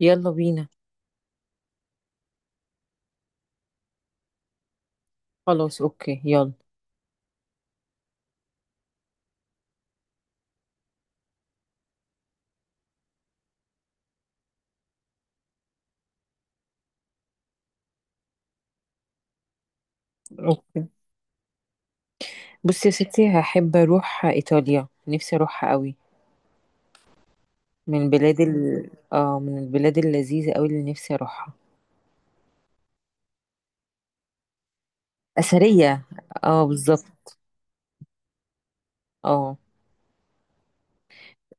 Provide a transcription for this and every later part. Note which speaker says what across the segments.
Speaker 1: يلا بينا. خلاص، اوكي، يلا. اوكي. بصي يا ستي، هحب اروح ايطاليا، نفسي اروحها قوي. من البلاد اللذيذه قوي اللي نفسي اروحها. اثريه. اه، بالظبط. اه.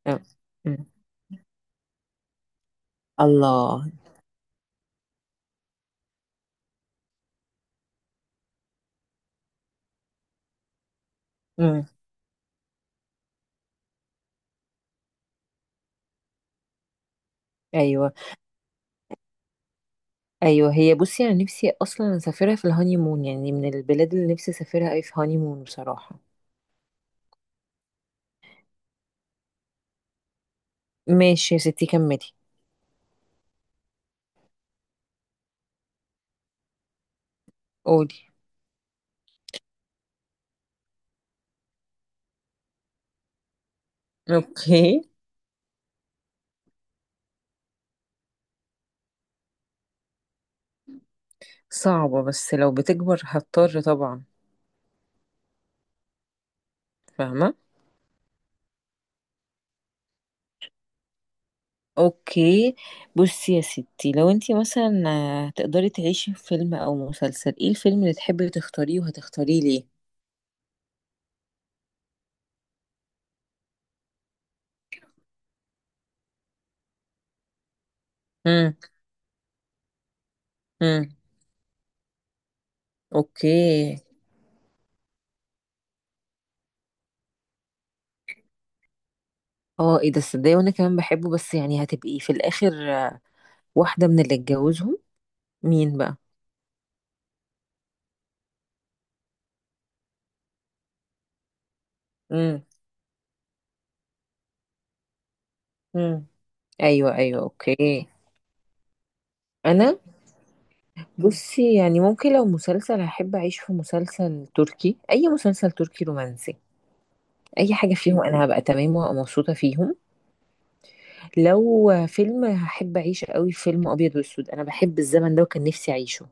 Speaker 1: آه. أمم. الله. أمم. ايوه، ايوه. هي، بصي، انا نفسي اصلا اسافرها في الهاني مون، يعني من البلاد اللي نفسي اسافرها قوي في هاني مون، بصراحه. ماشي يا ستي، كملي. قولي. اوكي. صعبه، بس لو بتكبر هضطر طبعا. فاهمه. اوكي. بصي يا ستي، لو انتي مثلا تقدري تعيشي في فيلم او مسلسل، ايه الفيلم اللي تحبي تختاريه وهتختاريه ليه؟ امم. امم. اوكي. اه، ايه ده؟ صدقني وانا كمان بحبه، بس يعني هتبقي في الاخر واحدة من اللي اتجوزهم. مين بقى؟ امم. امم. ايوه، ايوه. اوكي. انا، بصي يعني ممكن لو مسلسل هحب اعيش في مسلسل تركي، اي مسلسل تركي رومانسي. اي حاجة فيهم انا هبقى تمام ومبسوطة فيهم. لو فيلم، هحب اعيشه قوي فيلم ابيض واسود، انا بحب الزمن ده وكان نفسي اعيشه.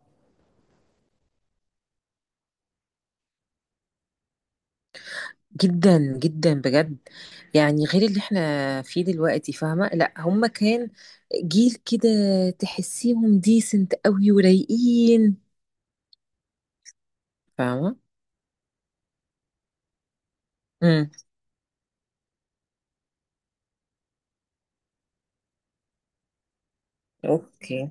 Speaker 1: جدا جدا، بجد. يعني غير اللي احنا فيه دلوقتي، فاهمة؟ لا، هما كان جيل كده، تحسيهم ديسنت قوي ورايقين. فاهمة. امم. اوكي.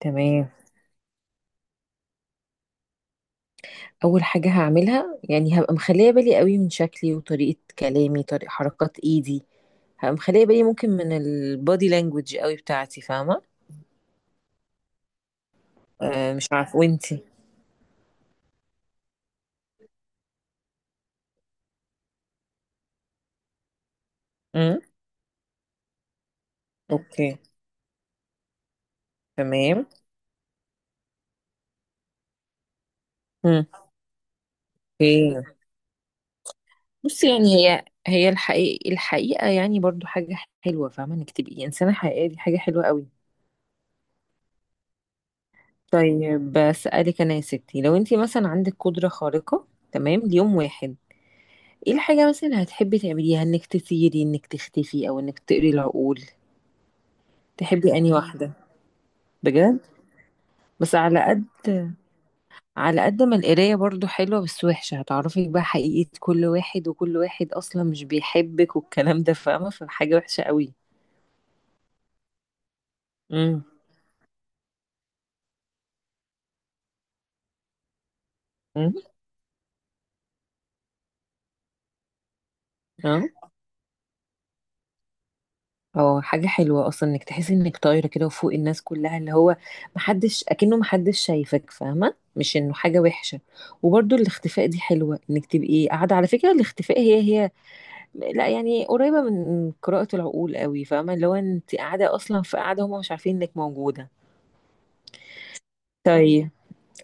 Speaker 1: تمام. اول حاجه هعملها، يعني هبقى مخليه بالي قوي من شكلي وطريقه كلامي، طريقه حركات ايدي. هبقى مخليه بالي ممكن من البادي لانجوج قوي بتاعتي، فاهمه؟ أه مش عارفه، وانتي؟ اوكي. تمام. مم. اوكي. بص، يعني هي هي الحقيقة الحقيقة، يعني برضو حاجة حلوة، فاهمة انك تبقي انسانة حقيقية؟ دي حاجة حلوة قوي. طيب، بسألك انا يا ستي، لو انت مثلا عندك قدرة خارقة تمام ليوم واحد، ايه الحاجة مثلا هتحبي تعمليها؟ انك تطيري، انك تختفي، او انك تقري العقول؟ تحبي انهي واحدة؟ بجد؟ بس على قد ما القراية برضو حلوة بس وحشة، هتعرفي بقى حقيقة كل واحد، وكل واحد أصلا مش بيحبك والكلام ده، فاهمة؟ فحاجة وحشة قوي. امم. امم. اه. هو حاجة حلوة أصلا إنك تحسي إنك طايرة كده وفوق الناس كلها، اللي هو محدش، أكنه محدش شايفك، فاهمة؟ مش إنه حاجة وحشة. وبرضو الاختفاء دي حلوة، إنك تبقي قاعدة. على فكرة الاختفاء هي هي، لا، يعني قريبة من قراءة العقول قوي، فاهمة؟ اللي هو أنت قاعدة أصلا، في قاعدة هما مش عارفين إنك موجودة. طيب،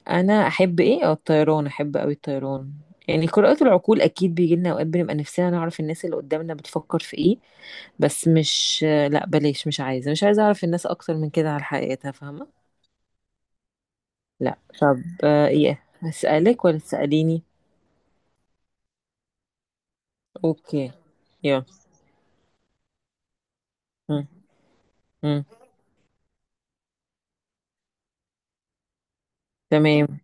Speaker 1: انا احب ايه، الطيران، احب قوي الطيران. يعني قراءة العقول اكيد بيجي لنا اوقات بنبقى نفسنا نعرف الناس اللي قدامنا بتفكر في ايه. بس مش، لا بلاش، مش عايزه مش عايزه اعرف الناس اكتر من كده على حقيقتها، فاهمه. لا طب ايه، هسألك ولا تسأليني؟ اوكي. يلا. مم. مم. تمام.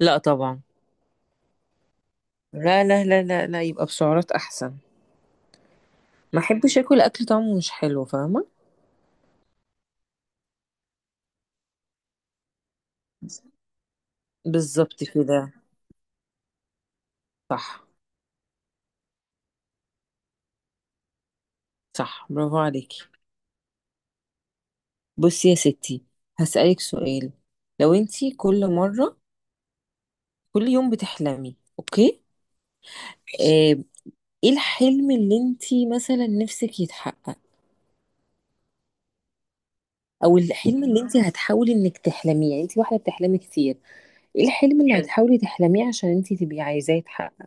Speaker 1: لا طبعا. لا لا لا لا لا، يبقى بسعرات احسن. ما احبش اكل اكل طعمه مش حلو، فاهمه. بالظبط كده. صح، صح. برافو عليكي. بصي يا ستي، هسألك سؤال. لو انتي كل مرة كل يوم بتحلمي، اوكي، آه، ايه الحلم اللي انتي مثلا نفسك يتحقق؟ او الحلم اللي انتي هتحاولي انك تحلميه؟ يعني انتي واحدة بتحلمي كتير، ايه الحلم اللي هتحاولي تحلميه عشان انتي تبقي عايزاه يتحقق؟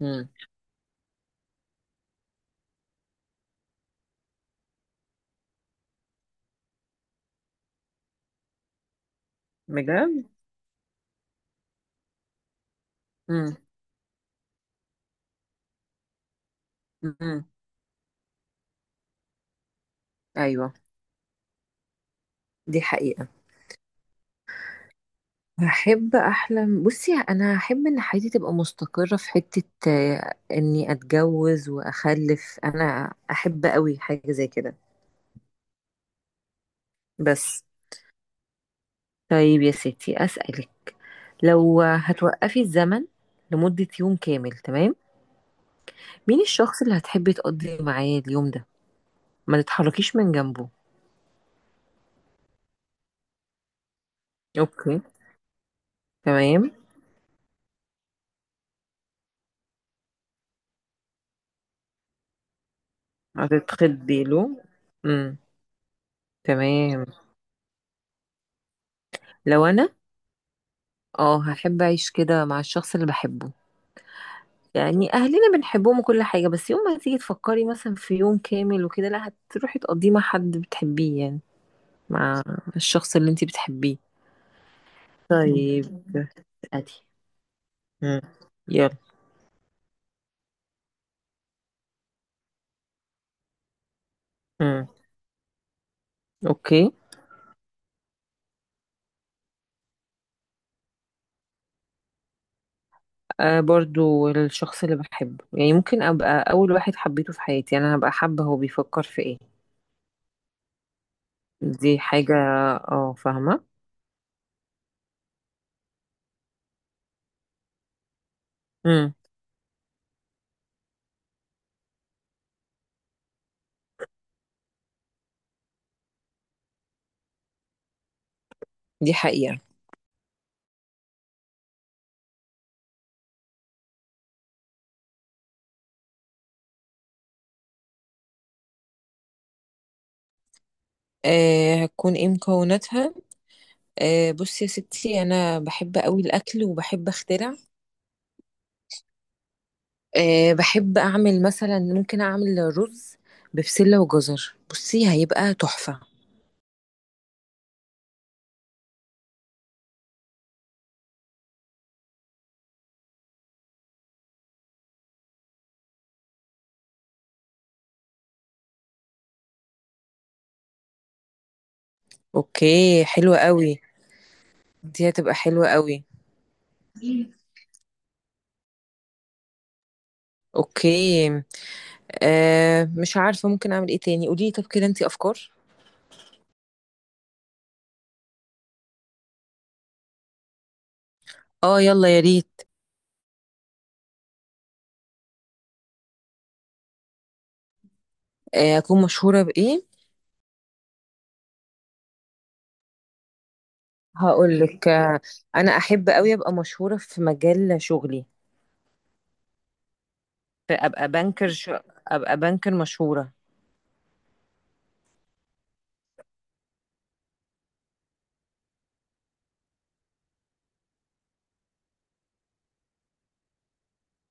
Speaker 1: مم. بجد. مم. مم. ايوه، دي حقيقة. هحب احلم. بصي، انا هحب ان حياتي تبقى مستقرة في حتة، اني اتجوز واخلف، انا احب قوي حاجة زي كده. بس. طيب يا ستي، اسألك. لو هتوقفي الزمن لمدة يوم كامل، تمام، مين الشخص اللي هتحبي تقضي معاه اليوم ده، ما تتحركيش من جنبه؟ اوكي. تمام. هتتخضي له. امم. تمام. لو انا، اه هحب اعيش كده مع الشخص اللي بحبه. يعني اهلنا بنحبهم وكل حاجه، بس يوم ما تيجي تفكري مثلا في يوم كامل وكده، لا، هتروحي تقضيه مع حد بتحبيه، يعني مع الشخص اللي انت بتحبيه. طيب، طيب. ادي. مم. يلا. مم. اوكي. آه، برضو الشخص اللي بحبه، يعني ممكن ابقى اول واحد حبيته في حياتي، يعني انا هبقى حابه هو بيفكر في ايه. دي حاجه. اه، فاهمه. مم. دي حقيقه. آه، هتكون ايه مكوناتها. آه بصي يا ستي، انا بحب قوي الاكل وبحب اخترع. أه، بحب أعمل مثلا، ممكن أعمل رز ببسلة وجزر، بصي هيبقى تحفة. أوكي حلوة قوي. دي هتبقى حلوة قوي. أوكي. أه، مش عارفة ممكن أعمل إيه تاني، قولي لي طب كده أنتي، أفكار. آه يلا يا ريت. أكون مشهورة بإيه. هقول لك، أنا أحب قوي أبقى مشهورة في مجال شغلي. فأبقى بانكر أبقى بانكر مشهورة.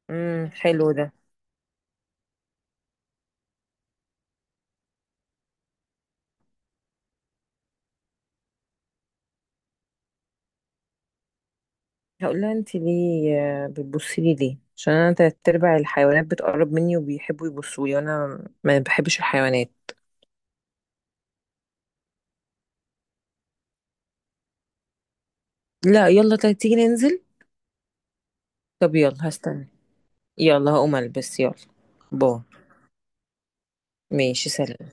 Speaker 1: امم، حلو ده. هقول لها، انت ليه بتبصي لي ليه؟ عشان انا تلات ارباع الحيوانات بتقرب مني وبيحبوا يبصوا لي وانا ما بحبش الحيوانات. لا، يلا طيب، تيجي ننزل. طب يلا، هستنى. يلا هقوم البس، يلا. بو. ماشي، سلام.